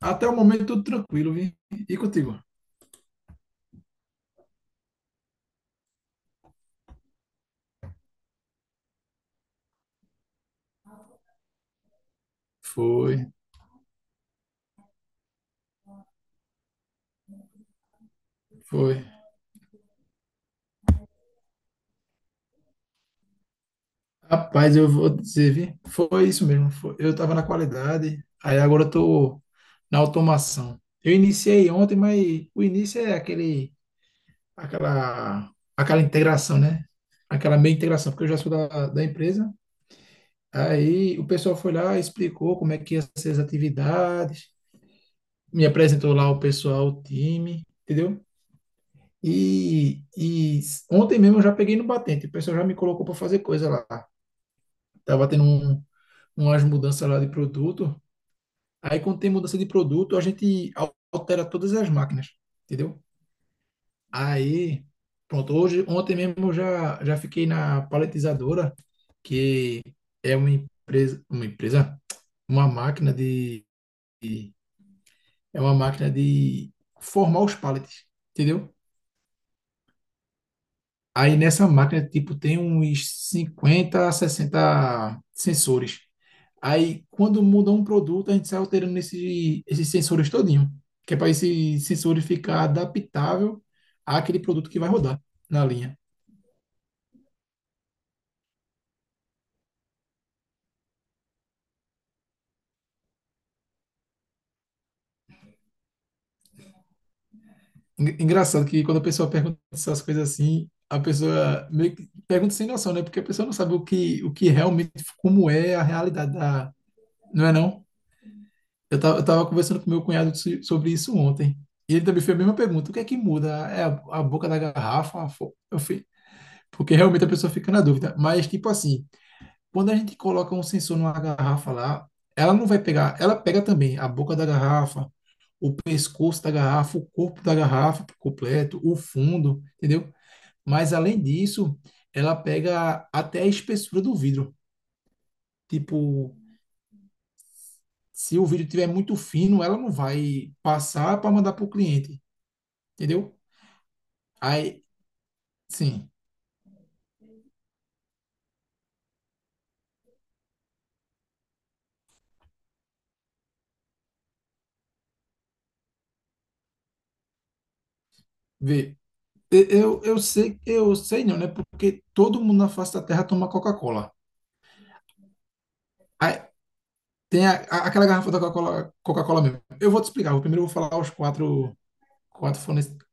Até o momento, tudo tranquilo, vi? E contigo? Foi, foi. Rapaz, eu vou dizer, vi? Foi isso mesmo. Foi. Eu estava na qualidade, aí agora eu tô na automação. Eu iniciei ontem, mas o início é aquele, aquela integração, né? Aquela meia integração, porque eu já sou da empresa. Aí o pessoal foi lá, explicou como é que ia ser as atividades, me apresentou lá o pessoal, o time, entendeu? E ontem mesmo eu já peguei no batente, o pessoal já me colocou para fazer coisa lá. Tava tendo umas mudanças lá de produto. Aí, quando tem mudança de produto, a gente altera todas as máquinas, entendeu? Aí, pronto, hoje, ontem mesmo eu já fiquei na paletizadora, que é uma empresa, uma empresa, uma máquina de- é uma máquina de formar os paletes, entendeu? Aí, nessa máquina, tipo, tem uns 50, a 60 sensores. Aí, quando muda um produto, a gente sai alterando esses sensores todinho, que é para esse sensor ficar adaptável àquele produto que vai rodar na linha. Engraçado que, quando a pessoa pergunta essas coisas assim, a pessoa meio que pergunta sem noção, né? Porque a pessoa não sabe o que realmente, como é a realidade da... Não é não? Eu tava conversando com meu cunhado sobre isso ontem. E ele também fez a mesma pergunta: o que é que muda? É a boca da garrafa? Eu fui, porque realmente a pessoa fica na dúvida. Mas, tipo assim, quando a gente coloca um sensor numa garrafa lá, ela não vai pegar, ela pega também a boca da garrafa, o pescoço da garrafa, o corpo da garrafa por completo, o fundo, entendeu? Mas, além disso, ela pega até a espessura do vidro. Tipo, se o vidro tiver muito fino, ela não vai passar para mandar para o cliente. Entendeu? Aí, sim, vê. Eu sei, eu sei não, né? Porque todo mundo na face da Terra toma Coca-Cola. Aí tem aquela garrafa da Coca-Cola, Coca-Cola mesmo. Eu vou te explicar. Eu primeiro vou falar os quatro fornecedores.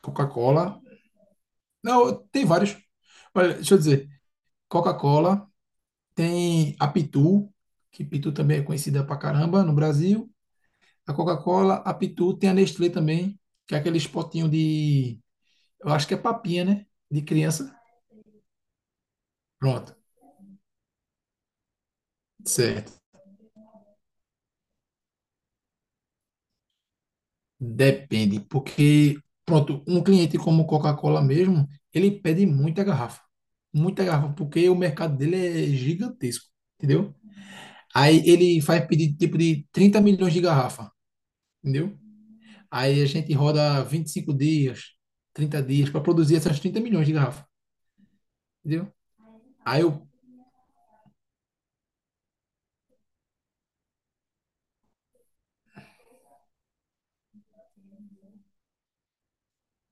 Coca-Cola. Não, tem vários. Olha, deixa eu dizer. Coca-Cola, tem a Pitu, que Pitu também é conhecida pra caramba no Brasil. A Coca-Cola, a Pitu, tem a Nestlé também, que é aquele potinho de, eu acho que é papinha, né? De criança. Pronto. Certo. Depende, porque, pronto, um cliente como Coca-Cola mesmo, ele pede muita garrafa. Muita garrafa, porque o mercado dele é gigantesco, entendeu? Aí ele faz pedido tipo de 30 milhões de garrafa, entendeu? Aí a gente roda 25 dias, 30 dias para produzir essas 30 milhões de garrafa, entendeu? Aí eu,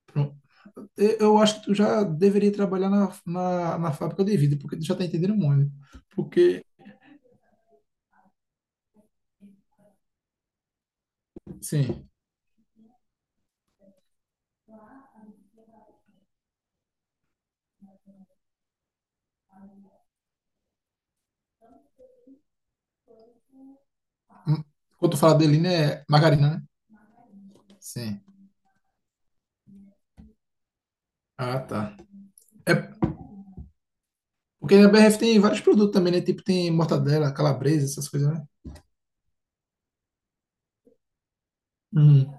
pronto, eu acho que tu já deveria trabalhar na fábrica de vidro, porque tu já tá entendendo muito, né? Porque, sim. Hum. Quando tu fala dele, né? Margarina, né? Sim. Ah, tá. É porque a BRF tem vários produtos também, né? Tipo, tem mortadela, calabresa, essas coisas, né? Uhum.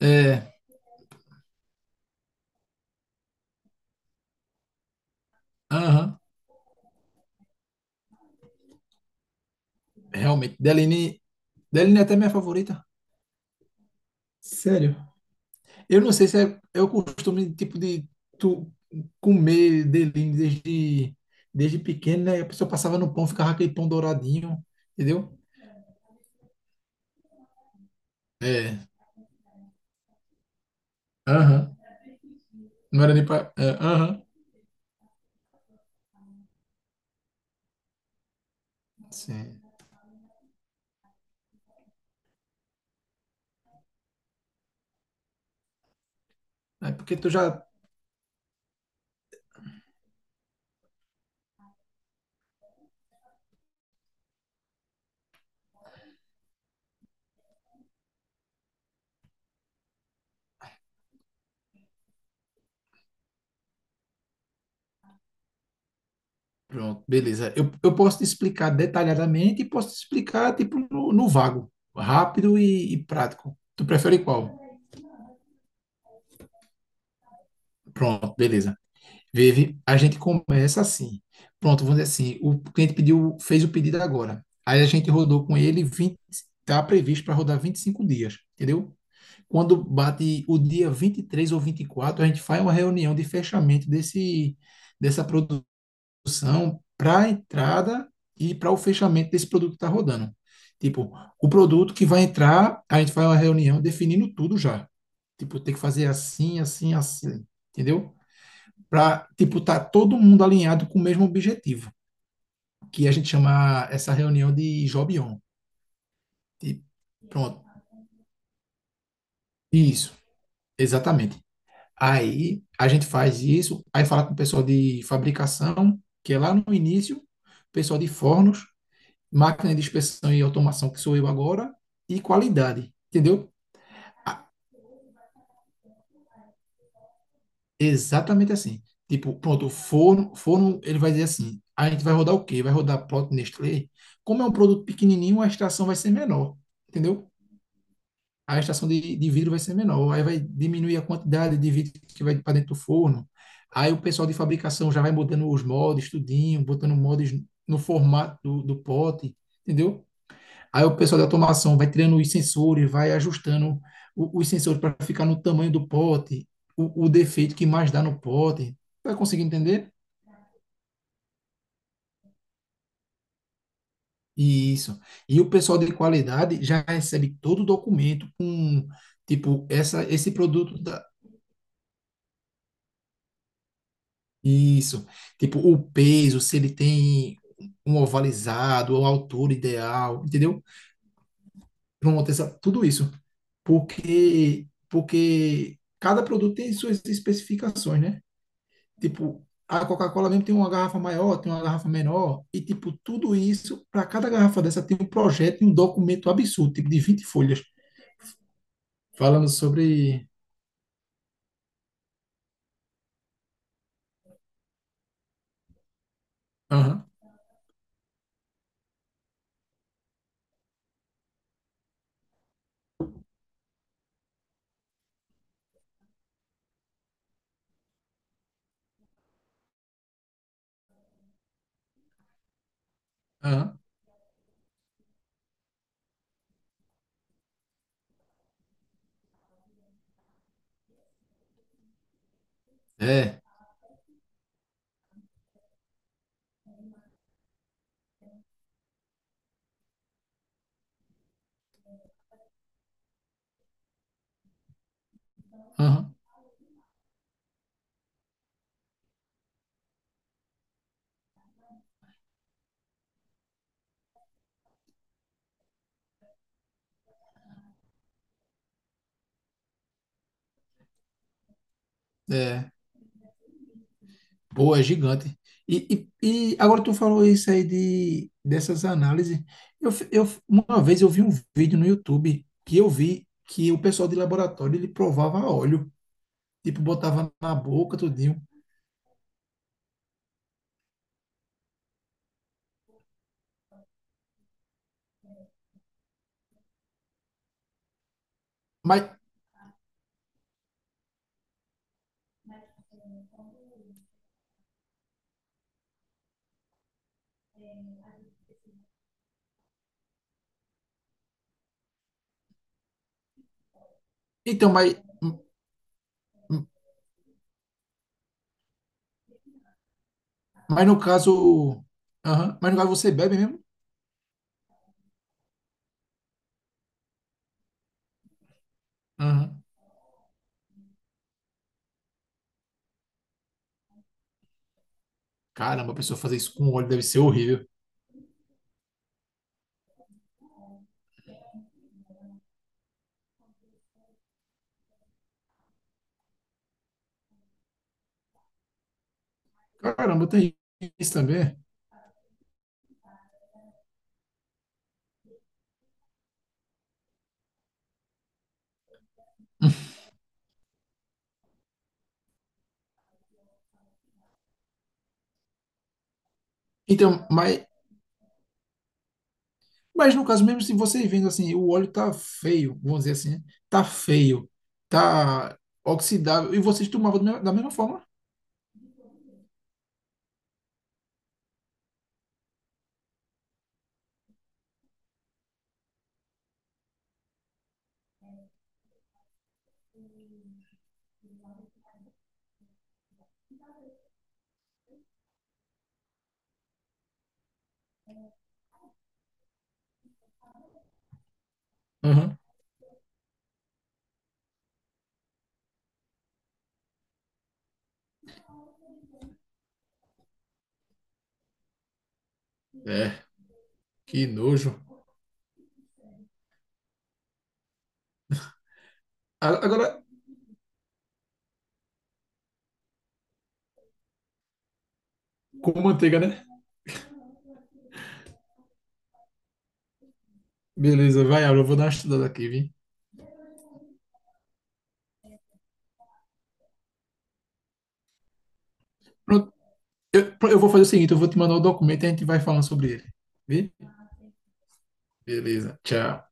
É. Aham. Realmente. Deline. Deline é até minha favorita. Sério. Eu não sei se é o costume, tipo, de tu comer Deline desde pequeno, né? A pessoa passava no pão, ficava aquele pão douradinho, entendeu? É. Aham. Não era nem pra. É, aham. Sim. É porque tu já. Pronto, beleza. Eu posso te explicar detalhadamente e posso te explicar, tipo, no vago, rápido e prático. Tu prefere qual? Pronto, beleza. Vive, a gente começa assim. Pronto, vamos dizer assim, o cliente pediu, fez o pedido agora. Aí a gente rodou com ele 20, tá previsto para rodar 25 dias, entendeu? Quando bate o dia 23 ou 24, a gente faz uma reunião de fechamento dessa produção para a entrada e para o fechamento desse produto que está rodando. Tipo, o produto que vai entrar, a gente faz uma reunião definindo tudo já. Tipo, tem que fazer assim, assim, assim, entendeu? Para, tipo, tá todo mundo alinhado com o mesmo objetivo, que a gente chama essa reunião de job on. Tipo, pronto. Isso, exatamente. Aí a gente faz isso, aí fala com o pessoal de fabricação, que é lá no início, pessoal de fornos, máquina de inspeção e automação, que sou eu agora, e qualidade, entendeu? Ah, exatamente assim. Tipo, pronto, o forno, ele vai dizer assim, a gente vai rodar o quê? Vai rodar produto Nestlé? Como é um produto pequenininho, a extração vai ser menor, entendeu? A extração de vidro vai ser menor, aí vai diminuir a quantidade de vidro que vai para dentro do forno. Aí o pessoal de fabricação já vai mudando os moldes, tudinho, botando moldes no formato do pote, entendeu? Aí o pessoal da automação vai tirando os sensores, vai ajustando os sensores para ficar no tamanho do pote, o defeito que mais dá no pote. Vai conseguir entender? Isso. E o pessoal de qualidade já recebe todo o documento com, tipo, esse produto da. Isso. Tipo, o peso, se ele tem um ovalizado, a altura ideal, entendeu? Pronto, tudo isso. Porque cada produto tem suas especificações, né? Tipo, a Coca-Cola mesmo tem uma garrafa maior, tem uma garrafa menor, e tipo, tudo isso, para cada garrafa dessa tem um projeto e um documento absurdo, tipo de 20 folhas, falando sobre. Aham, aham, é, aham, é. Pô, é gigante. E agora tu falou isso aí dessas análises. Uma vez eu vi um vídeo no YouTube que eu vi que o pessoal de laboratório, ele provava óleo, tipo, botava na boca, tudinho. Mas, então, mas. Mas no caso. Aham, mas no caso você bebe mesmo? Aham. Caramba, a pessoa fazer isso com óleo deve ser horrível. Caramba, tem isso também. Então, mas no caso, mesmo se você vendo assim, o óleo tá feio, vamos dizer assim, né? Tá feio, tá oxidável, e vocês tomavam da mesma forma. Aham. É, que nojo. Agora, com manteiga, né? Beleza, vai, Aura, eu vou dar uma estudada aqui, vi? Pronto, eu, eu vou fazer o seguinte, eu vou te mandar o documento e a gente vai falando sobre ele. Vi? Beleza, tchau.